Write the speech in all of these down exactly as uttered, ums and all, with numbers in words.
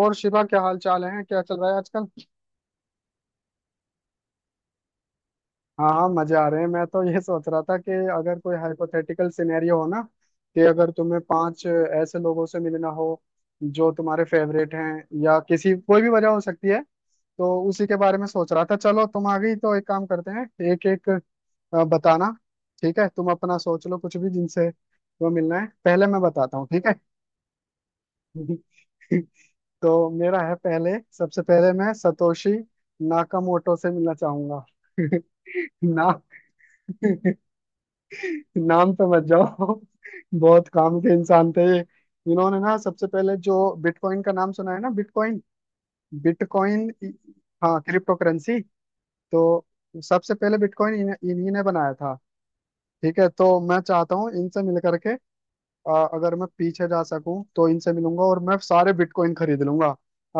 और शिवा, क्या हाल चाल है? क्या चल रहा है आजकल? हाँ हाँ, मजे आ रहे हैं। मैं तो ये सोच रहा था कि अगर कोई हाइपोथेटिकल सिनेरियो हो ना, कि अगर तुम्हें पांच ऐसे लोगों से मिलना हो जो तुम्हारे फेवरेट हैं या किसी कोई भी वजह हो सकती है, तो उसी के बारे में सोच रहा था। चलो तुम आ गई तो एक काम करते हैं, एक एक अ, बताना। ठीक है, तुम अपना सोच लो कुछ भी जिनसे तुम्हें मिलना है। पहले मैं बताता हूँ, ठीक है। तो मेरा है पहले। सबसे पहले मैं सतोशी नाकामोटो से मिलना चाहूंगा। नाम। नाम पे मत जाओ। बहुत काम के इंसान थे ये। इन्होंने ना सबसे पहले जो बिटकॉइन का नाम सुना है ना, बिटकॉइन, बिटकॉइन। हाँ, क्रिप्टो करेंसी। तो सबसे पहले बिटकॉइन इन्हीं इन्हीं ने बनाया था। ठीक है, तो मैं चाहता हूँ इनसे मिल करके, आ, अगर मैं पीछे जा सकूं तो इनसे मिलूंगा और मैं सारे बिटकॉइन खरीद लूंगा,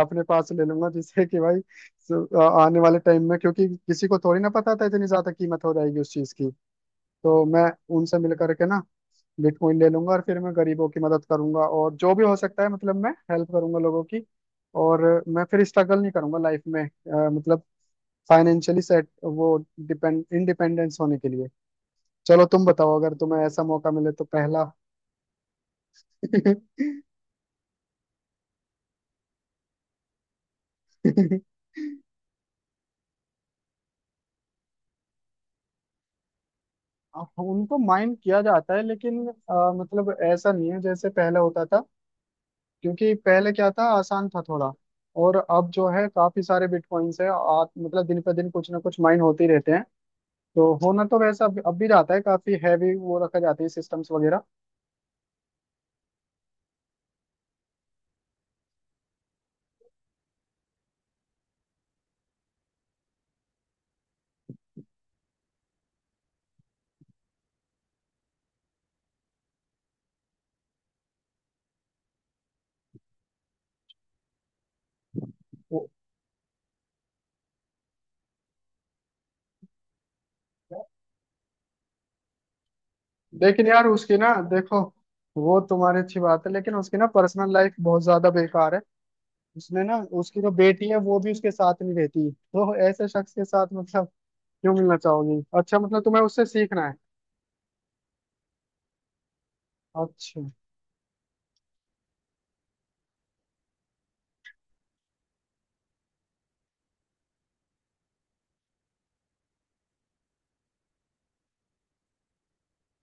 अपने पास ले लूंगा। जिससे कि भाई स- आ, आने वाले टाइम में, क्योंकि किसी को थोड़ी ना पता था इतनी ज्यादा कीमत हो जाएगी उस चीज की। तो मैं उनसे मिल करके ना बिटकॉइन ले लूंगा और फिर मैं गरीबों की मदद करूंगा और जो भी हो सकता है, मतलब मैं हेल्प करूंगा लोगों की। और मैं फिर स्ट्रगल नहीं करूंगा लाइफ में, आ, मतलब फाइनेंशियली सेट, वो डिपेंड इंडिपेंडेंस होने के लिए। चलो तुम बताओ, अगर तुम्हें ऐसा मौका मिले तो पहला। हाँ, उनको माइंड किया जाता है, लेकिन आ, मतलब ऐसा नहीं है जैसे पहले होता था। क्योंकि पहले क्या था, आसान था थोड़ा। और अब जो है, काफी सारे बिटकॉइंस है, आ, मतलब दिन पर दिन कुछ ना कुछ माइन होते ही रहते हैं। तो होना तो वैसा अब अब भी जाता है, काफी हैवी वो रखा जाती है सिस्टम्स वगैरह। वो- लेकिन यार उसकी ना देखो, वो तुम्हारी अच्छी बात है, लेकिन उसकी ना पर्सनल लाइफ बहुत ज्यादा बेकार है। उसने ना, उसकी जो बेटी है वो भी उसके साथ नहीं रहती। तो ऐसे शख्स के साथ मतलब क्यों मिलना चाहोगी? अच्छा, मतलब तुम्हें उससे सीखना है। अच्छा।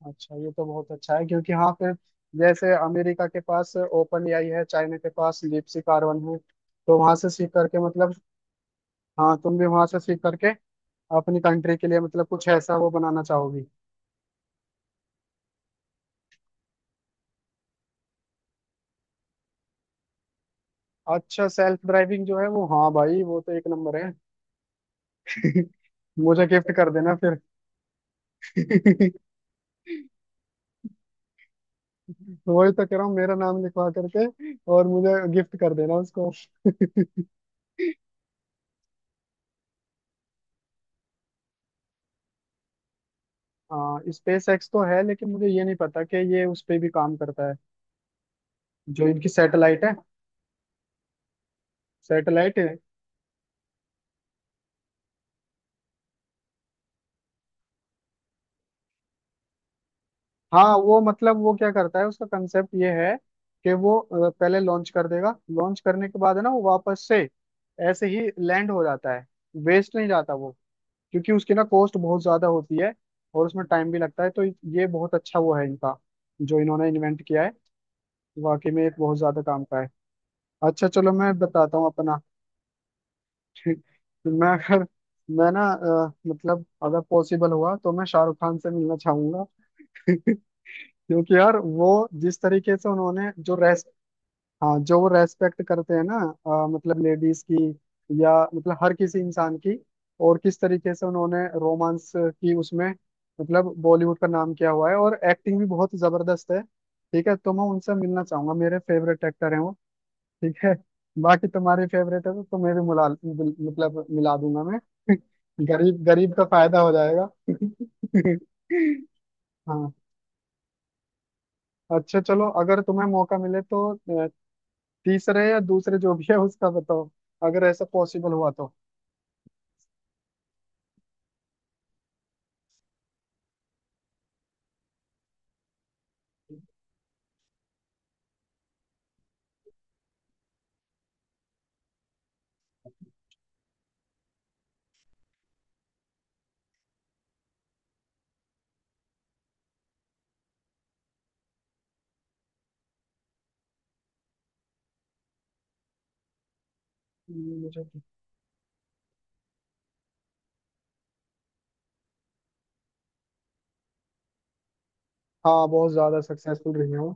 अच्छा ये तो बहुत अच्छा है, क्योंकि हाँ फिर जैसे अमेरिका के पास ओपन एआई है, चाइना के पास डीपसी कार्बन है, तो वहां से सीख करके मतलब। हाँ, तुम भी वहां से सीख करके अपनी कंट्री के लिए मतलब कुछ ऐसा वो बनाना चाहोगी। अच्छा, सेल्फ ड्राइविंग जो है वो, हाँ भाई वो तो एक नंबर है। मुझे गिफ्ट कर देना फिर। वही तो कह रहा हूँ, मेरा नाम लिखवा करके और मुझे गिफ्ट कर देना उसको। हाँ, स्पेस एक्स तो है, लेकिन मुझे ये नहीं पता कि ये उस पे भी काम करता है। जो इनकी सैटेलाइट है, सैटेलाइट है। हाँ वो, मतलब वो क्या करता है, उसका कंसेप्ट ये है कि वो अ, पहले लॉन्च कर देगा, लॉन्च करने के बाद है ना, वो वापस से ऐसे ही लैंड हो जाता है, वेस्ट नहीं जाता वो। क्योंकि उसकी ना कॉस्ट बहुत ज्यादा होती है और उसमें टाइम भी लगता है। तो ये बहुत अच्छा वो है इनका, जो इन्होंने इन्वेंट किया है। वाकई में एक बहुत ज्यादा काम का है। अच्छा चलो मैं बताता हूँ अपना। ठीक। तो मैं अगर, मैं ना अ, मतलब अगर पॉसिबल हुआ तो मैं शाहरुख खान से मिलना चाहूंगा। क्योंकि यार वो जिस तरीके से उन्होंने, जो रेस, हाँ जो वो रेस्पेक्ट करते हैं ना, अ, मतलब लेडीज की, या मतलब हर किसी इंसान की। और किस तरीके से उन्होंने रोमांस की उसमें, मतलब बॉलीवुड का नाम किया हुआ है और एक्टिंग भी बहुत जबरदस्त है। ठीक है तो मैं उनसे मिलना चाहूंगा, मेरे फेवरेट एक्टर हैं वो। ठीक है, बाकी तुम्हारी फेवरेट है तो तुम्हें भी मिला, मतलब मिला दूंगा मैं। गरीब गरीब का फायदा हो जाएगा। हाँ। अच्छा चलो, अगर तुम्हें मौका मिले तो अ, तीसरे या दूसरे जो भी है उसका बताओ, अगर ऐसा पॉसिबल हुआ तो। मुझे, हाँ, बहुत ज्यादा सक्सेसफुल रही हूँ।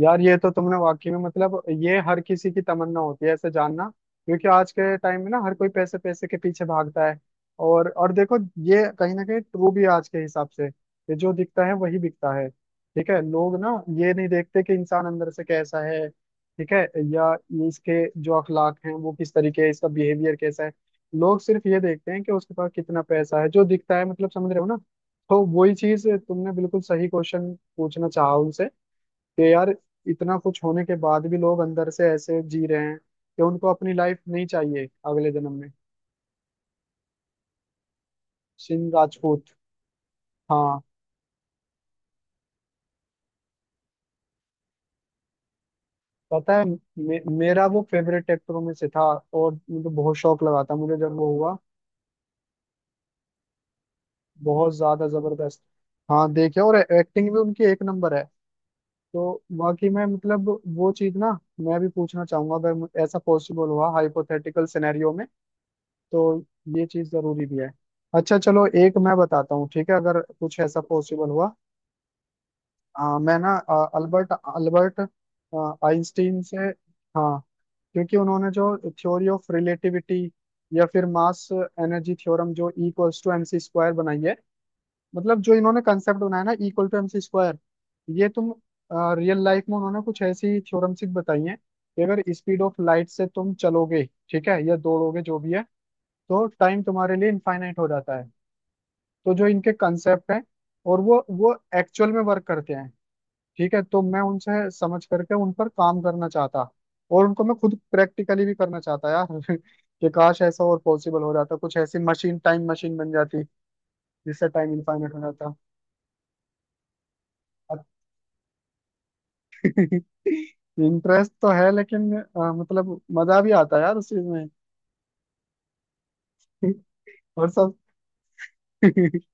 यार ये तो तुमने वाकई में मतलब, ये हर किसी की तमन्ना होती है ऐसे जानना। क्योंकि आज के टाइम में ना हर कोई पैसे पैसे के पीछे भागता है। और और देखो, ये कहीं ना कहीं ट्रू भी है आज के हिसाब से, कि जो दिखता है वही बिकता है। ठीक है, लोग ना ये नहीं देखते कि इंसान अंदर से कैसा है। ठीक है, या ये इसके जो अखलाक हैं वो किस तरीके है, इसका बिहेवियर कैसा है। लोग सिर्फ ये देखते हैं कि उसके पास कितना पैसा है, जो दिखता है, मतलब समझ रहे हो ना। तो वही चीज तुमने बिल्कुल सही क्वेश्चन पूछना चाहा उनसे, कि यार इतना कुछ होने के बाद भी लोग अंदर से ऐसे जी रहे हैं कि उनको अपनी लाइफ नहीं चाहिए अगले जन्म में। सिंह राजपूत। हाँ, पता है, मे, मेरा वो फेवरेट एक्टरों में से था। और मुझे बहुत शौक लगा था मुझे, जब वो हुआ। बहुत ज्यादा जबरदस्त। हाँ देखे, और एक्टिंग भी उनकी एक नंबर है। तो बाकी मैं मतलब, वो चीज ना मैं भी पूछना चाहूंगा, अगर मु- ऐसा पॉसिबल हुआ हाइपोथेटिकल सिनेरियो में, तो ये चीज जरूरी भी है। अच्छा चलो, एक मैं बताता हूँ, ठीक है, अगर कुछ ऐसा पॉसिबल हुआ। हाँ मैं ना अ, अल्बर्ट, अल्बर्ट अ, आइंस्टीन से। हाँ, क्योंकि उन्होंने जो थ्योरी ऑफ रिलेटिविटी या फिर मास एनर्जी थ्योरम, जो E equals to M C square बनाई है, मतलब जो इन्होंने कंसेप्ट बनाया ना, E equal to M C square, ये तुम रियल लाइफ में, उन्होंने कुछ ऐसी थ्योरम्स बताई हैं कि अगर स्पीड ऑफ लाइट से तुम चलोगे, ठीक है, या दौड़ोगे जो भी है, तो टाइम तुम्हारे लिए इनफाइनाइट हो जाता है। तो जो इनके कंसेप्ट हैं, और वो वो एक्चुअल में वर्क करते हैं। ठीक है, तो मैं उनसे समझ करके उन पर काम करना चाहता, और उनको मैं खुद प्रैक्टिकली भी करना चाहता यार। कि काश ऐसा और पॉसिबल हो जाता, कुछ ऐसी मशीन, टाइम मशीन बन जाती, जिससे टाइम इनफाइनाइट हो जाता। इंटरेस्ट तो है, लेकिन अ, मतलब मजा भी आता है यार उस चीज में। और सब।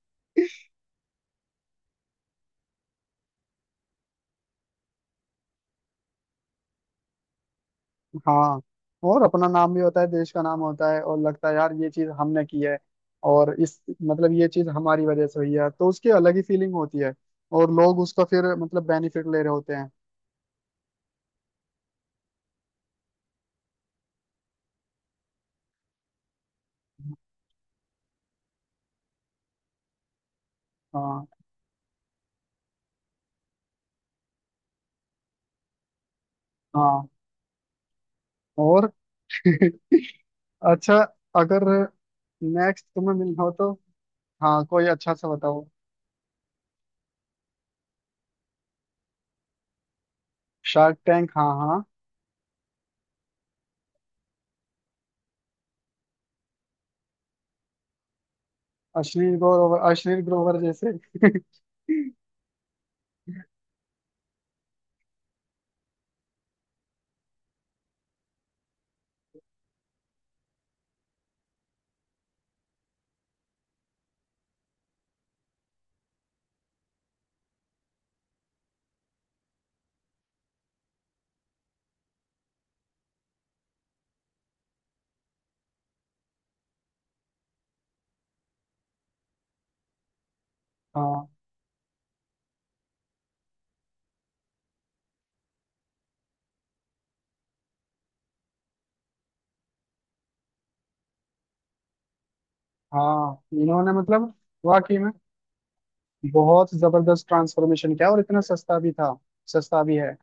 हाँ, और अपना नाम भी होता है, देश का नाम होता है, और लगता है यार ये चीज हमने की है। और इस, मतलब ये चीज हमारी वजह से हुई है, तो उसकी अलग ही फीलिंग होती है। और लोग उसका फिर मतलब बेनिफिट ले रहे होते हैं। हाँ। हाँ, और। अच्छा, अगर नेक्स्ट तुम्हें मिलना हो तो। हाँ, कोई अच्छा सा बताओ। शार्क टैंक, हाँ हाँ। अश्लील ग्रोवर, अश्लील ग्रोवर जैसे। हाँ हाँ, इन्होंने मतलब, वाकई में बहुत जबरदस्त ट्रांसफॉर्मेशन किया, और इतना सस्ता भी था। सस्ता भी है।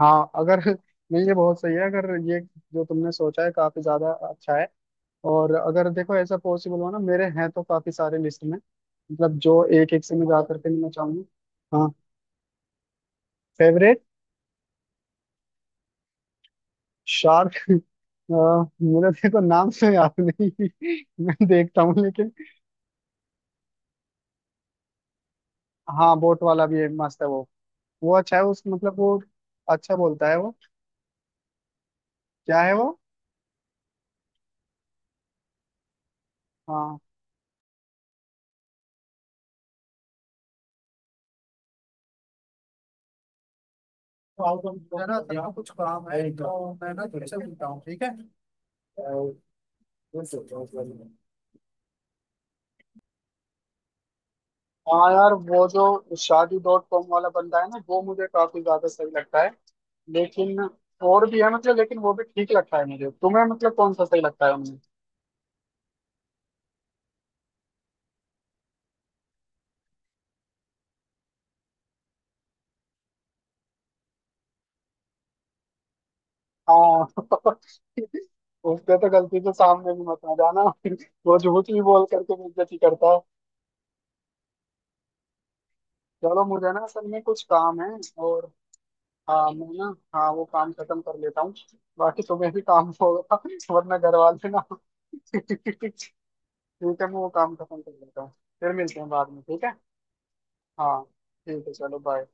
हाँ अगर, नहीं ये बहुत सही है, अगर ये जो तुमने सोचा है काफी ज्यादा अच्छा है। और अगर देखो ऐसा पॉसिबल हो ना, मेरे हैं तो काफी सारे लिस्ट में, मतलब जो एक एक से मैं जा करके लेना चाहूंगा, हाँ। Favourite shark. मुझे देखो नाम से याद नहीं, मैं देखता हूँ लेकिन। हाँ, बोट वाला भी है, मस्त है वो। वो अच्छा है, उस मतलब वो। अच्छा बोलता है वो। क्या है वो। हाँ, मेरा जरा कुछ काम है, तो मैं ना तुमसे मिलता हूँ, ठीक है। हाँ यार वो जो शादी डॉट कॉम वाला बंदा है ना, वो मुझे काफी ज्यादा सही लगता है, लेकिन और भी है, मतलब लेकिन वो भी ठीक लगता है मुझे। तुम्हें मतलब कौन सा सही लगता है उनमें? हाँ। उस पे तो गलती से सामने भी मत आ जाना। वो झूठ भी बोल करके बेइज्जती करता है। चलो मुझे ना असल में कुछ काम है। और, हाँ मैं ना, हाँ वो काम खत्म कर लेता हूँ। बाकी तुम्हें भी काम होगा, वरना घर वाले ना। ठीक है, मैं वो काम खत्म कर लेता हूँ। फिर मिलते हैं बाद में, ठीक है। हाँ, ठीक है चलो, बाय।